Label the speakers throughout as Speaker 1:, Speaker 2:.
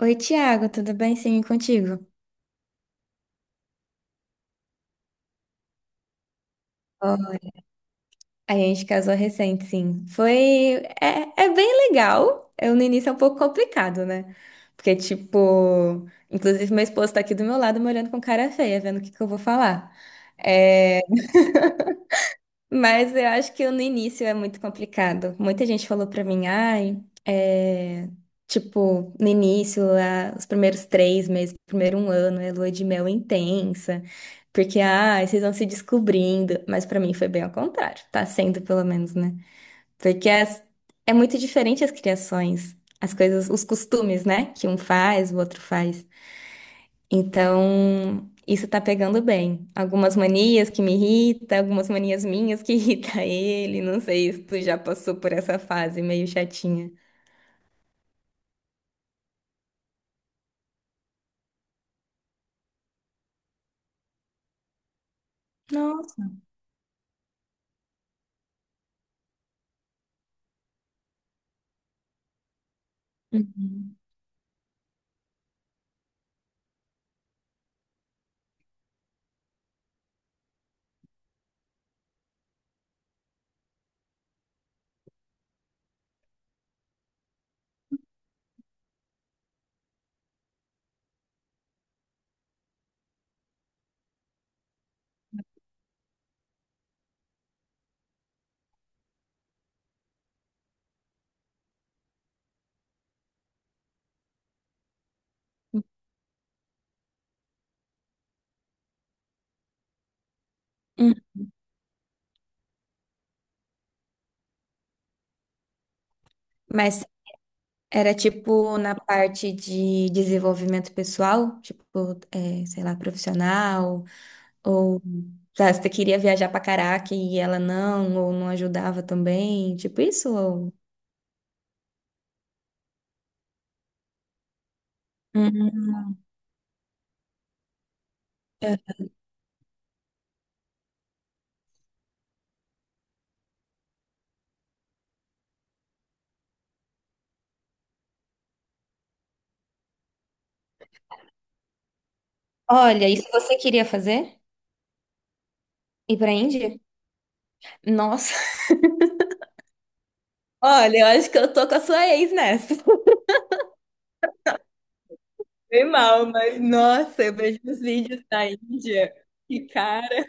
Speaker 1: Oi, Tiago, tudo bem? Sim, e contigo? Ó, a gente casou recente, sim. Foi. É bem legal. Eu, no início é um pouco complicado, né? Porque, tipo. Inclusive, meu esposo tá aqui do meu lado me olhando com cara feia, vendo o que que eu vou falar. É, mas eu acho que no início é muito complicado. Muita gente falou pra mim, ai, é, tipo, no início, os primeiros 3 meses, primeiro um ano, é lua de mel intensa, porque, ai, vocês vão se descobrindo. Mas pra mim foi bem ao contrário, tá sendo pelo menos, né? Porque é muito diferente as criações, as coisas, os costumes, né? Que um faz, o outro faz. Então, isso tá pegando bem. Algumas manias que me irrita, algumas manias minhas que irrita ele. Não sei se tu já passou por essa fase meio chatinha. Nossa. Uhum. Hum. Mas era tipo na parte de desenvolvimento pessoal, tipo, é, sei lá, profissional, ou tá, você queria viajar pra caraca e ela não, ou não ajudava também, tipo isso? Ou... Uhum. É. Olha, isso você queria fazer? Ir pra Índia? Nossa, olha, eu acho que eu tô com a sua ex nessa. Bem mal, mas nossa, eu vejo os vídeos da Índia. Que cara.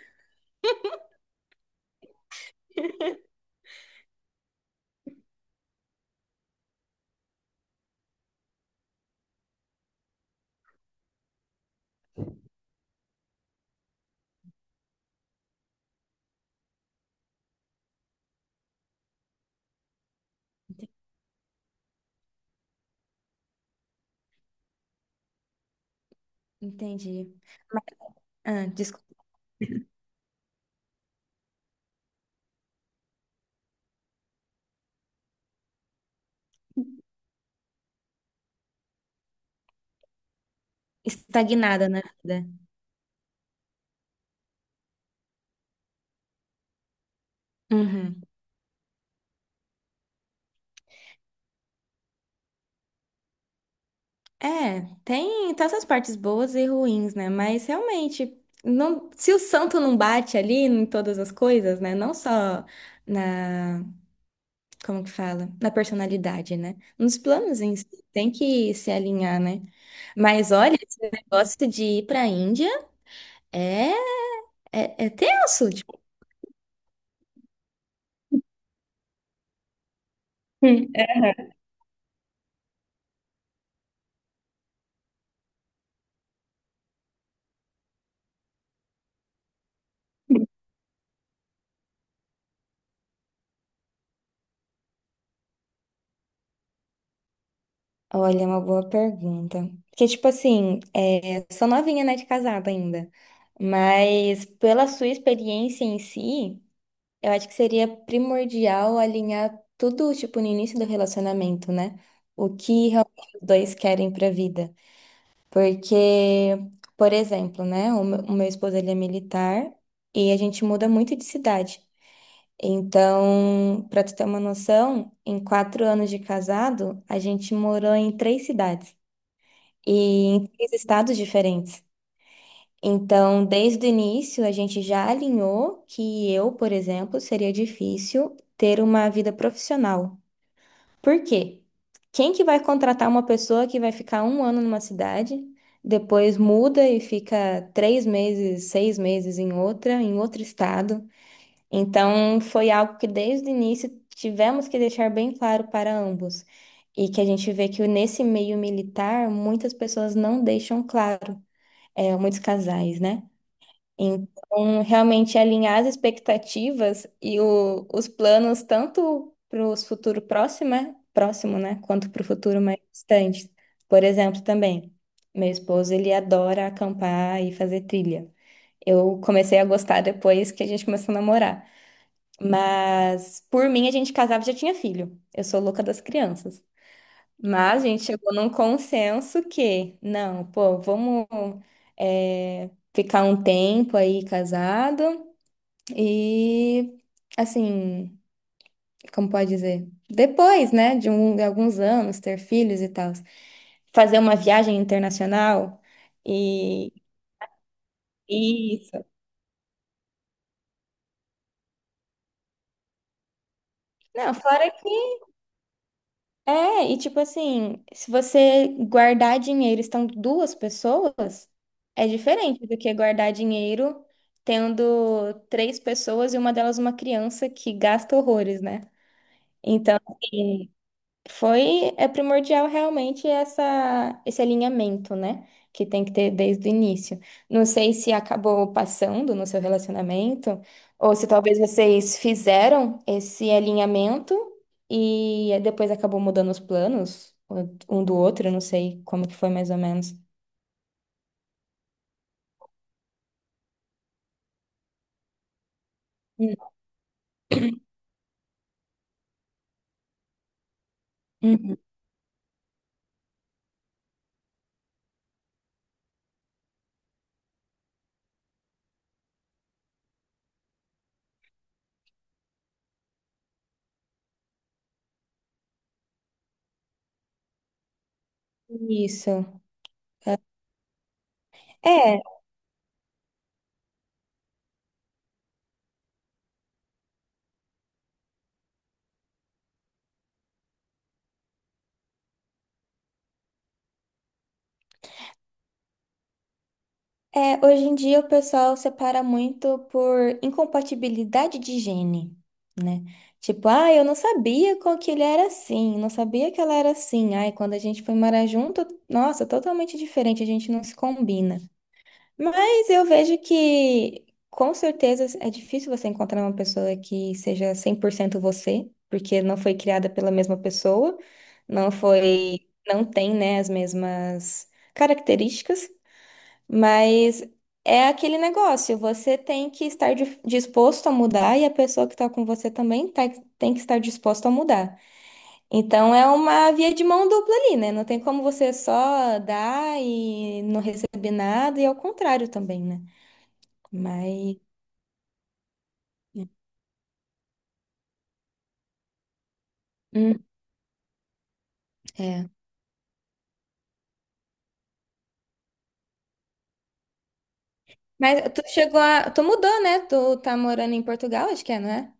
Speaker 1: Entendi. Mas, ah, desculpa. Estagnada na vida. Uhum. É, tem tantas partes boas e ruins, né? Mas realmente, não, se o santo não bate ali em todas as coisas, né? Não só na, como que fala? Na personalidade, né? Nos planos em si, tem que se alinhar, né? Mas olha, esse negócio de ir pra Índia. É. É tenso, tipo. Hum. Olha, é uma boa pergunta. Porque, tipo assim, é, sou novinha, né, de casada ainda. Mas pela sua experiência em si, eu acho que seria primordial alinhar tudo, tipo, no início do relacionamento, né? O que realmente os dois querem pra vida. Porque, por exemplo, né, o meu esposo, ele é militar e a gente muda muito de cidade. Então, para tu ter uma noção, em 4 anos de casado, a gente morou em 3 cidades e em 3 estados diferentes. Então, desde o início, a gente já alinhou que eu, por exemplo, seria difícil ter uma vida profissional. Por quê? Quem que vai contratar uma pessoa que vai ficar um ano numa cidade, depois muda e fica 3 meses, 6 meses em outra, em outro estado? Então, foi algo que desde o início tivemos que deixar bem claro para ambos. E que a gente vê que nesse meio militar, muitas pessoas não deixam claro, é, muitos casais, né? Então, realmente alinhar as expectativas e o- os planos, tanto para o futuro próximo, né? Quanto para o futuro mais distante. Por exemplo, também, meu esposo, ele adora acampar e fazer trilha. Eu comecei a gostar depois que a gente começou a namorar. Mas por mim a gente casava e já tinha filho. Eu sou louca das crianças. Mas a gente chegou num consenso que, não, pô, vamos é, ficar um tempo aí casado e, assim, como pode dizer? Depois, né, de alguns anos, ter filhos e tal. Fazer uma viagem internacional e isso. Não, fora que é, e tipo assim, se você guardar dinheiro estando 2 pessoas, é diferente do que guardar dinheiro tendo 3 pessoas e uma delas uma criança que gasta horrores, né? Então, assim, é primordial realmente esse alinhamento, né? Que tem que ter desde o início. Não sei se acabou passando no seu relacionamento, ou se talvez vocês fizeram esse alinhamento e depois acabou mudando os planos um do outro, eu não sei como que foi mais ou menos. Hum. Uhum. Isso. É, É, hoje em dia o pessoal separa muito por incompatibilidade de gene, né? Tipo, ah, eu não sabia com que ele era assim, não sabia que ela era assim. Ai, quando a gente foi morar junto, nossa, totalmente diferente, a gente não se combina. Mas eu vejo que, com certeza, é difícil você encontrar uma pessoa que seja 100% você, porque não foi criada pela mesma pessoa, não foi, não tem, né, as mesmas características. Mas é aquele negócio, você tem que estar disposto a mudar e a pessoa que está com você também tem que estar disposta a mudar. Então é uma via de mão dupla ali, né? Não tem como você só dar e não receber nada, e ao contrário também, né? Mas. Hum, é. Mas tu chegou a. Tu mudou, né? Tu tá morando em Portugal, acho que é, não é?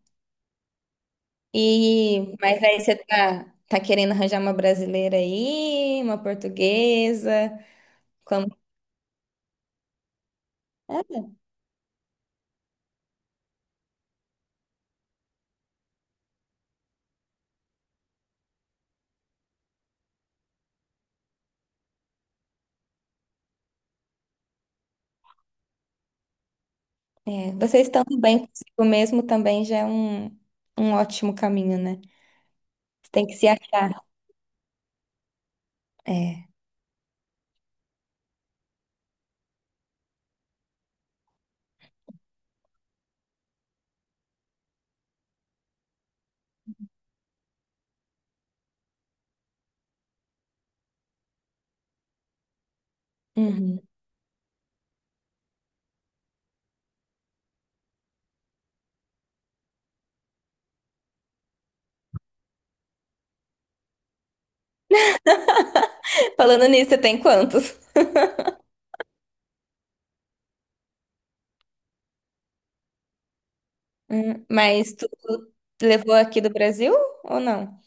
Speaker 1: E. Mas aí você tá, querendo arranjar uma brasileira aí, uma portuguesa. Como. É? É, vocês estando bem consigo mesmo também já é um ótimo caminho, né? Você tem que se achar. É. Uhum. Falando nisso, você tem quantos? Mas tu levou aqui do Brasil ou não?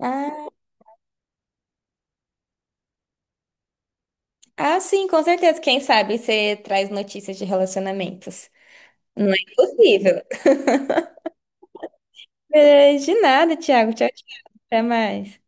Speaker 1: Ah, ah, sim, com certeza. Quem sabe você traz notícias de relacionamentos. Não é impossível. É, de nada, Thiago. Tchau, tchau. Até mais.